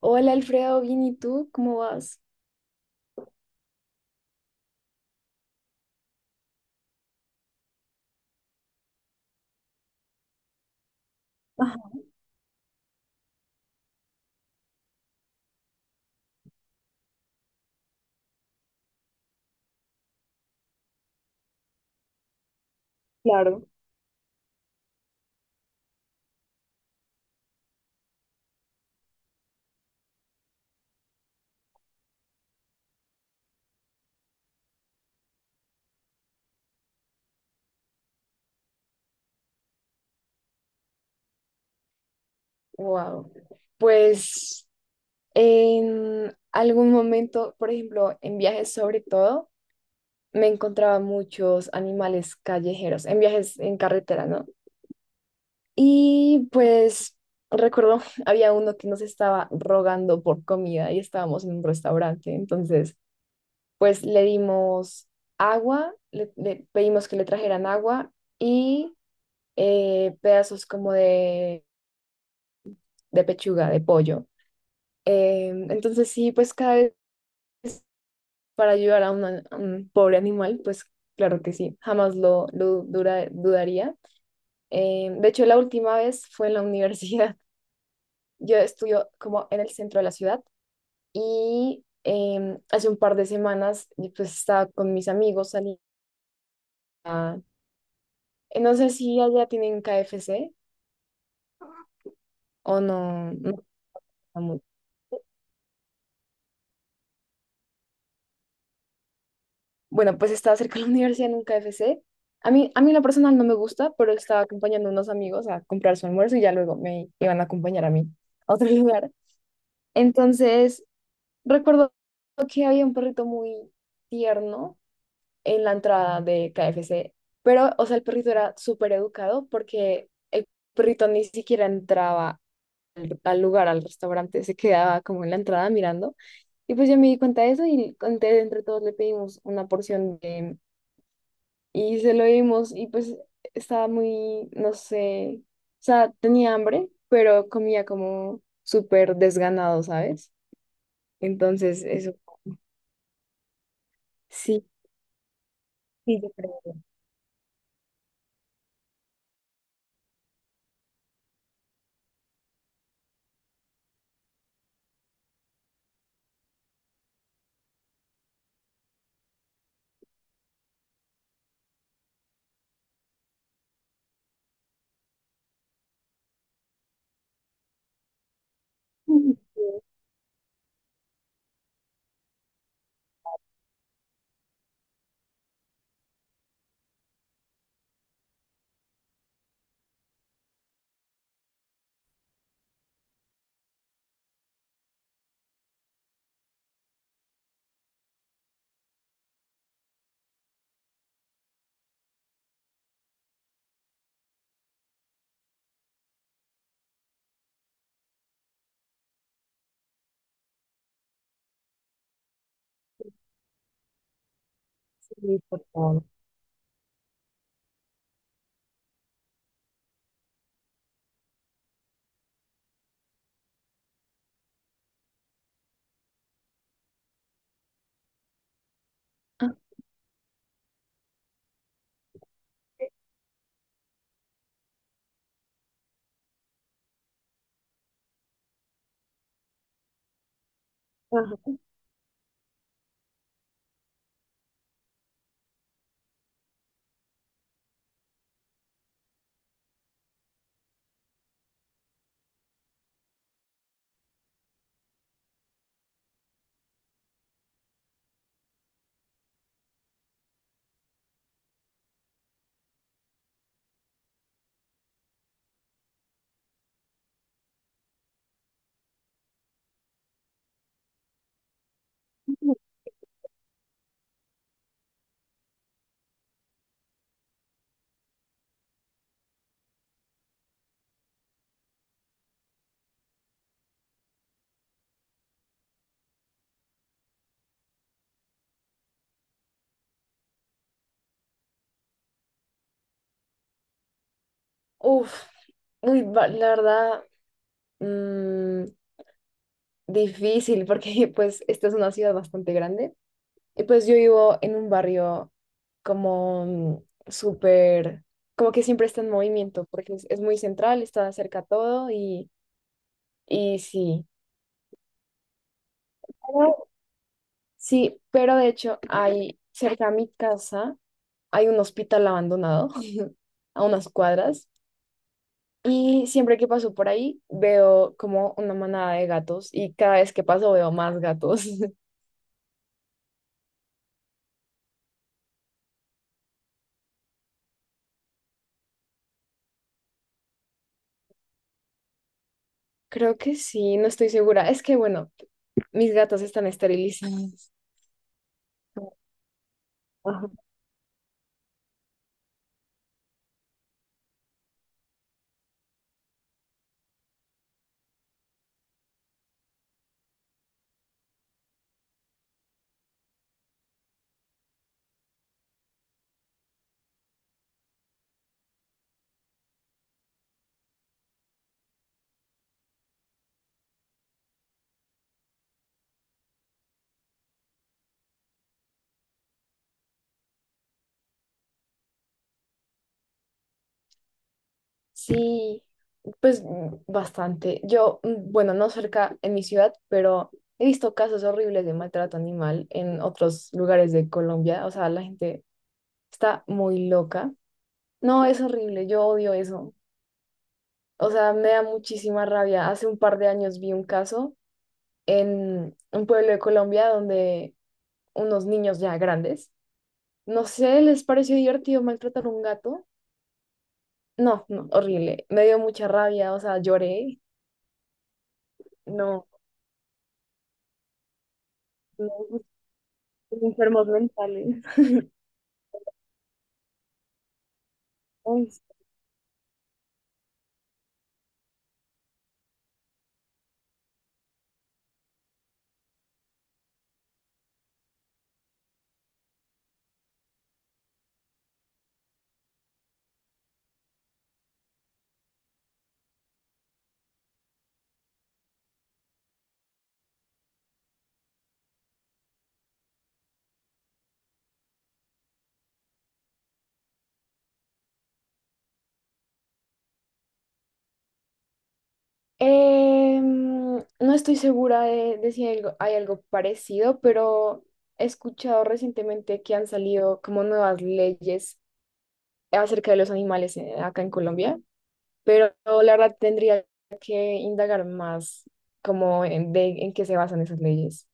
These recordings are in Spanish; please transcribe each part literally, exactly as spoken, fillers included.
Hola Alfredo, bien, ¿y tú? ¿Cómo vas? Ajá. Claro. Wow. Pues en algún momento, por ejemplo, en viajes sobre todo, me encontraba muchos animales callejeros, en viajes en carretera, ¿no? Y pues recuerdo, había uno que nos estaba rogando por comida y estábamos en un restaurante, entonces pues le dimos agua, le, le pedimos que le trajeran agua y eh, pedazos como de, de pechuga, de pollo. Em, entonces sí, pues cada vez para ayudar a, una- a un pobre animal, pues claro que sí, jamás lo, lo dura- dudaría. Em, de hecho, la última vez fue en la universidad. Yo estudio como en el centro de la ciudad y em, hace un par de semanas y pues estaba con mis amigos, salí a... eh, No sé si allá tienen K F C o no. No. Bueno, pues estaba cerca de la universidad en un K F C. A mí, a mí en lo personal no me gusta, pero estaba acompañando a unos amigos a comprar su almuerzo y ya luego me iban a acompañar a mí a otro lugar. Entonces, recuerdo que había un perrito muy tierno en la entrada de K F C, pero, o sea, el perrito era súper educado porque el perrito ni siquiera entraba al, al lugar, al restaurante, se quedaba como en la entrada mirando. Y pues yo me di cuenta de eso y entre, entre todos le pedimos una porción de y se lo dimos y pues estaba muy, no sé, o sea, tenía hambre, pero comía como súper desganado, ¿sabes? Entonces, eso sí. Sí, yo creo. Mm. Sí, por favor. Ah. Ajá. Uf, uy, va- la verdad, mm, difícil porque pues esta es una ciudad bastante grande. Y pues yo vivo en un barrio como mm, súper, como que siempre está en movimiento, porque es, es muy central, está cerca todo y, y sí. Pero... Sí, pero de hecho hay cerca a mi casa, hay un hospital abandonado a unas cuadras y siempre que paso por ahí veo como una manada de gatos y cada vez que paso veo más gatos. Creo que sí, no estoy segura. Es que bueno, mis gatos están esterilizados. Sí, pues mm, bastante. Yo, mm, bueno, no cerca en mi ciudad, pero he visto casos horribles de maltrato animal en otros lugares de Colombia. O sea, la gente está muy loca. No, es horrible, yo odio eso. O sea, me da muchísima rabia. Hace un par de años vi un caso en un pueblo de Colombia donde unos niños ya grandes, no sé, les pareció divertido maltratar a un gato. No, no, horrible. Me dio mucha rabia, o sea, lloré. No, no. Enfermos mentales. Ay, sí. Em, no estoy segura de, de si hay algo, hay algo parecido, pero he escuchado recientemente que han salido como nuevas leyes acerca de los animales eh, acá en Colombia, pero la verdad tendría que indagar más como en, de, en qué se basan esas leyes.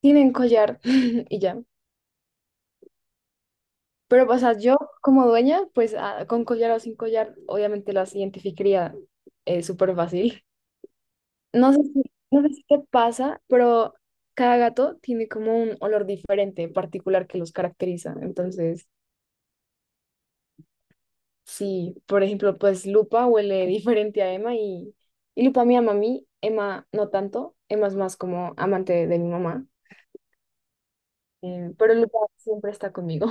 Tienen collar y ya. Pero, o sea, yo como dueña, pues ah, con collar o sin collar, obviamente las identificaría eh, súper fácil. No sé si, no sé si te pasa, pero cada gato tiene como un olor diferente, en particular que los caracteriza. Entonces, sí, por ejemplo, pues Lupa huele diferente a Emma y, y Lupa me ama a mí, Emma no tanto, Emma es más como amante de mi mamá, eh, pero Lupa siempre está conmigo.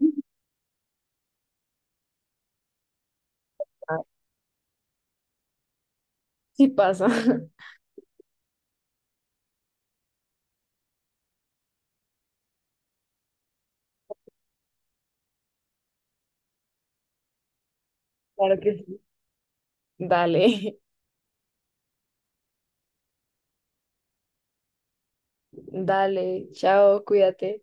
Ah. Sí pasa. Claro que sí. Dale. Dale, chao, cuídate.